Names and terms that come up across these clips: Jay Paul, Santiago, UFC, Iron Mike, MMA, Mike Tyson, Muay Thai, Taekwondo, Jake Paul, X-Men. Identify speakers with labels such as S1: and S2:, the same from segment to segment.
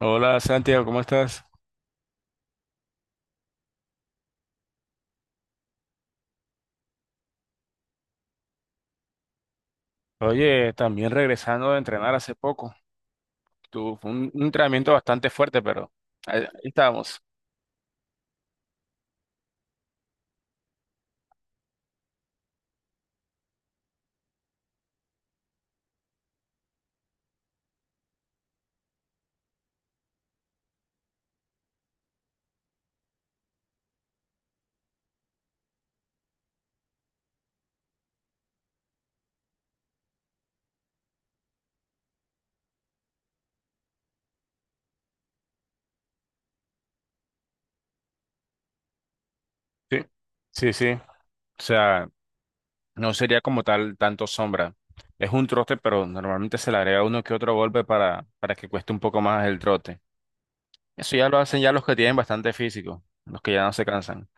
S1: Hola Santiago, ¿cómo estás? Oye, también regresando de entrenar hace poco. Tuvo fue un entrenamiento bastante fuerte, pero ahí estábamos. Sí, sí, sí. O sea, no sería como tal tanto sombra. Es un trote, pero normalmente se le agrega uno que otro golpe para que cueste un poco más el trote. Eso ya lo hacen ya los que tienen bastante físico, los que ya no se cansan.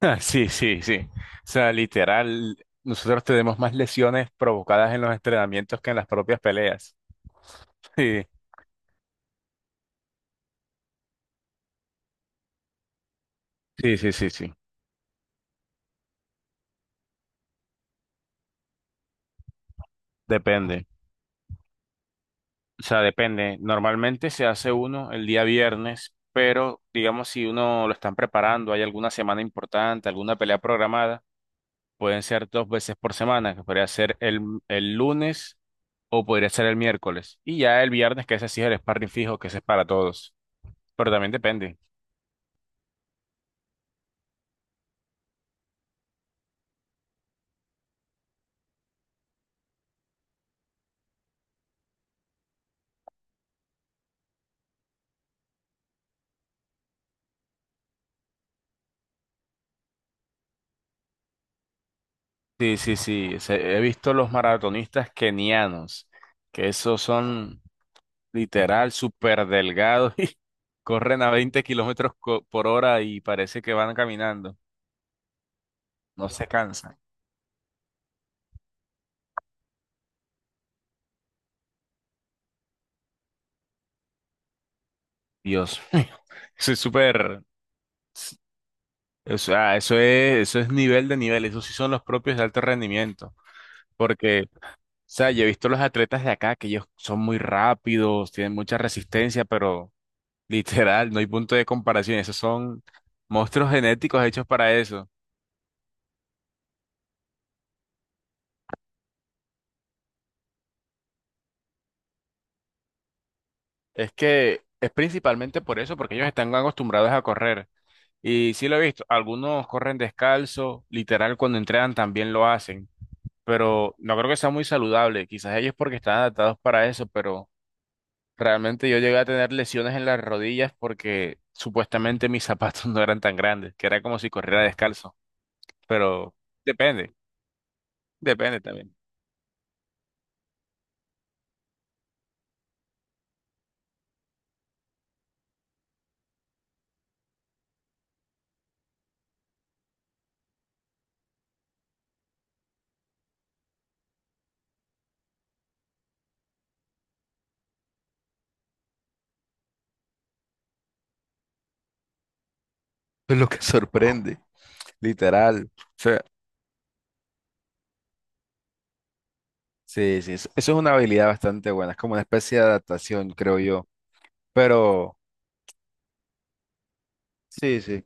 S1: Sí, sí, sí. O sea, literal, nosotros tenemos más lesiones provocadas en los entrenamientos que en las propias peleas. Sí, sí, sí, sí, sí. Depende, depende. Normalmente se hace uno el día viernes, pero digamos si uno lo están preparando, hay alguna semana importante, alguna pelea programada, pueden ser dos veces por semana, que podría ser el lunes o podría ser el miércoles. Y ya el viernes, que ese sí es el sparring fijo, que ese es para todos. Pero también depende. Sí, sí, sí. He visto los maratonistas kenianos, que esos son... literal, súper delgado y corren a 20 kilómetros por hora y parece que van caminando, no se cansan. Dios mío, eso es súper, o sea, eso es nivel de nivel, eso sí son los propios de alto rendimiento, porque, o sea, yo he visto los atletas de acá que ellos son muy rápidos, tienen mucha resistencia, pero literal, no hay punto de comparación, esos son monstruos genéticos hechos para eso. Es que es principalmente por eso, porque ellos están acostumbrados a correr. Y sí lo he visto, algunos corren descalzo, literal cuando entrenan también lo hacen, pero no creo que sea muy saludable, quizás ellos porque están adaptados para eso, pero realmente yo llegué a tener lesiones en las rodillas porque supuestamente mis zapatos no eran tan grandes, que era como si corriera descalzo, pero depende, depende también. Es lo que sorprende, literal. O sea, sí, sí, eso es una habilidad bastante buena, es como una especie de adaptación, creo yo. Pero sí, sí.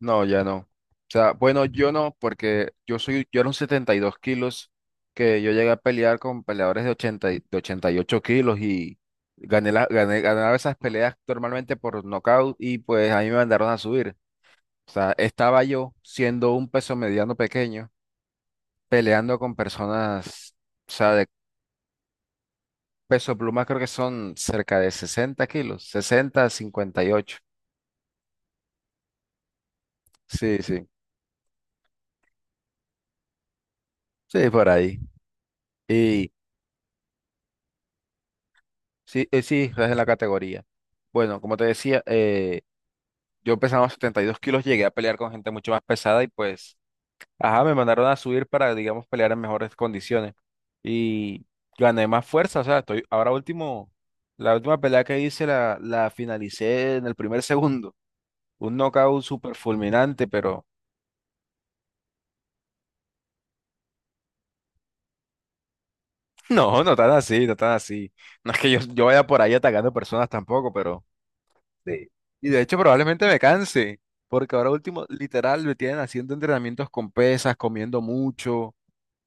S1: No, ya no. O sea, bueno, yo no, porque yo era un 72 kilos, que yo llegué a pelear con peleadores de de 88 kilos y ganaba esas peleas normalmente por nocaut y pues a mí me mandaron a subir. O sea, estaba yo siendo un peso mediano pequeño, peleando con personas, o sea, de peso pluma creo que son cerca de 60 kilos, 60, 58. Sí, sí, sí, por ahí. Sí, sí, estás en la categoría. Bueno, como te decía, yo pesaba y dos kilos, llegué a pelear con gente mucho más pesada y pues, ajá, me mandaron a subir para, digamos, pelear en mejores condiciones. Y gané más fuerza, o sea, estoy, ahora último, la última pelea que hice la finalicé en el primer segundo. Un knockout súper fulminante, pero no, no tan así, no tan así. No es que yo vaya por ahí atacando personas tampoco, pero sí. Y de hecho probablemente me canse, porque ahora último, literal, me tienen haciendo entrenamientos con pesas, comiendo mucho,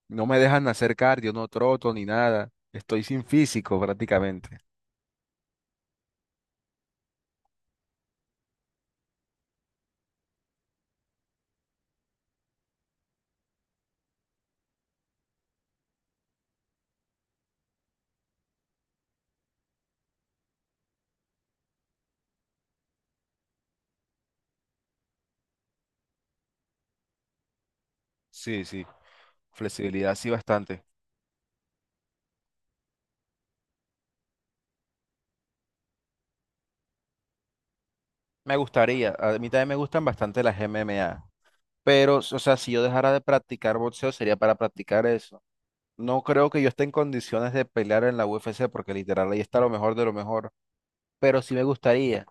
S1: no me dejan hacer cardio, no troto ni nada, estoy sin físico prácticamente. Sí, sí, flexibilidad sí bastante. Me gustaría, a mí también me gustan bastante las MMA, pero, o sea, si yo dejara de practicar boxeo sería para practicar eso. No creo que yo esté en condiciones de pelear en la UFC porque literal ahí está lo mejor de lo mejor, pero sí me gustaría.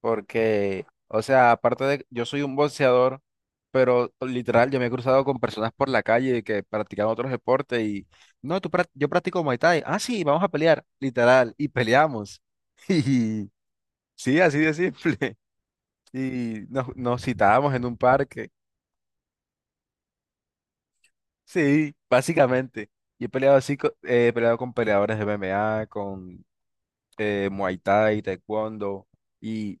S1: Porque, o sea, aparte de, yo soy un boxeador, pero literal, yo me he cruzado con personas por la calle que practican otros deportes y, no, yo practico Muay Thai. Ah, sí, vamos a pelear, literal, y peleamos. Y sí, así de simple. Y nos citábamos en un parque. Sí, básicamente. Y he peleado así, he peleado con peleadores de m M a con Muay Thai, Taekwondo y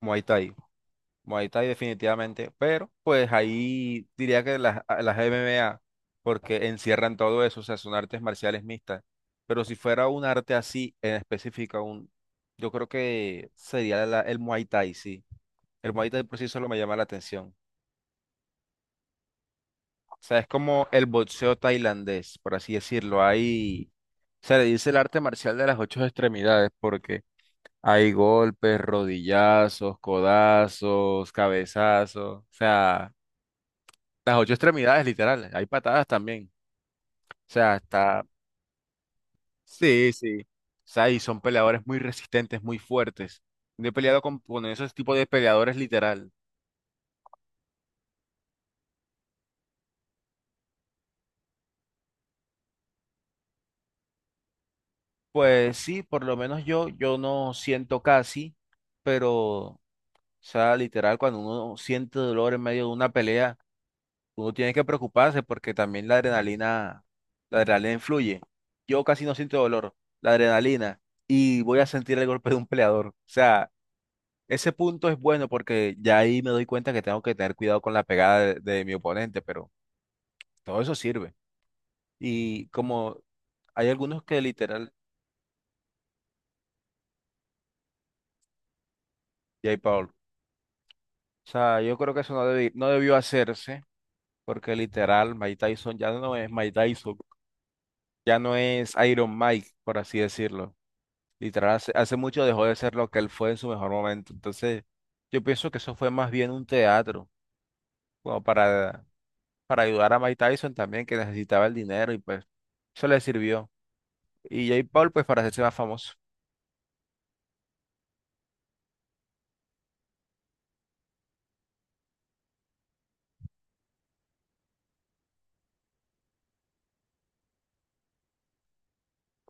S1: Muay Thai. Muay Thai definitivamente, pero pues ahí diría que las MMA, porque encierran todo eso, o sea, son artes marciales mixtas, pero si fuera un arte así en específica, un, yo creo que sería el Muay Thai, sí. El Muay Thai por sí solo me llama la atención. O sea, es como el boxeo tailandés, por así decirlo. Hay, se le dice el arte marcial de las ocho extremidades, porque hay golpes, rodillazos, codazos, cabezazos, o sea... Las ocho extremidades, literal. Hay patadas también. O sea, está. Sí, sí. O sea, y son peleadores muy resistentes, muy fuertes. Yo he peleado con esos tipos de peleadores, literal. Pues sí, por lo menos yo, yo no siento casi, pero, o sea, literal, cuando uno siente dolor en medio de una pelea, uno tiene que preocuparse porque también la adrenalina influye. Yo casi no siento dolor, la adrenalina, y voy a sentir el golpe de un peleador. O sea, ese punto es bueno porque ya ahí me doy cuenta que tengo que tener cuidado con la pegada de mi oponente, pero todo eso sirve. Y como hay algunos que literal, Jay Paul, o sea, yo creo que eso no, no debió hacerse porque literal Mike Tyson ya no es Mike Tyson, ya no es Iron Mike, por así decirlo. Literal, hace mucho dejó de ser lo que él fue en su mejor momento. Entonces, yo pienso que eso fue más bien un teatro, como para ayudar a Mike Tyson también, que necesitaba el dinero y pues eso le sirvió. Y Jake Paul, pues para hacerse más famoso,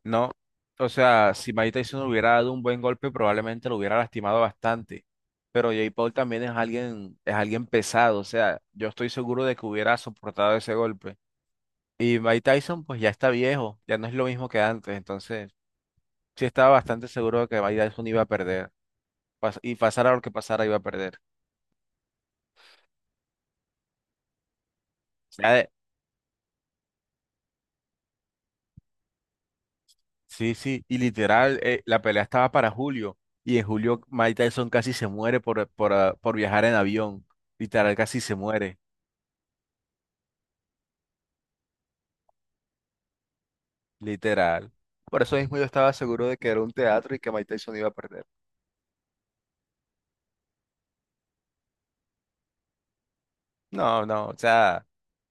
S1: ¿no? O sea, si Mike Tyson hubiera dado un buen golpe, probablemente lo hubiera lastimado bastante. Pero Jake Paul también es alguien pesado. O sea, yo estoy seguro de que hubiera soportado ese golpe. Y Mike Tyson, pues ya está viejo, ya no es lo mismo que antes. Entonces, sí estaba bastante seguro de que Mike Tyson iba a perder. Y pasara lo que pasara, iba a perder. Sí, sí, y literal, la pelea estaba para julio, y en julio Mike Tyson casi se muere por viajar en avión. Literal, casi se muere, literal. Por eso mismo yo estaba seguro de que era un teatro y que Mike Tyson iba a perder. No, no, o sea,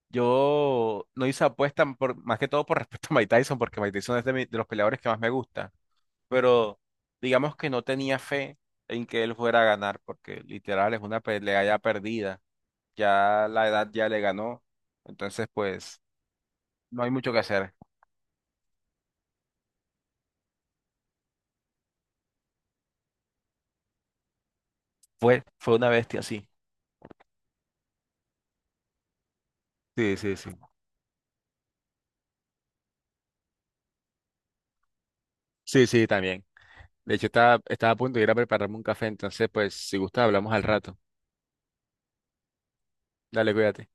S1: yo no hice apuesta por, más que todo por respeto a Mike Tyson, porque Mike Tyson es de, de los peleadores que más me gusta, pero digamos que no tenía fe en que él fuera a ganar, porque literal es una pelea ya perdida. Ya la edad ya le ganó, entonces pues no hay mucho que hacer. Fue una bestia, sí. Sí, sí, sí. Sí, sí, también. De hecho, estaba a punto de ir a prepararme un café, entonces pues si gusta hablamos al rato. Dale, cuídate.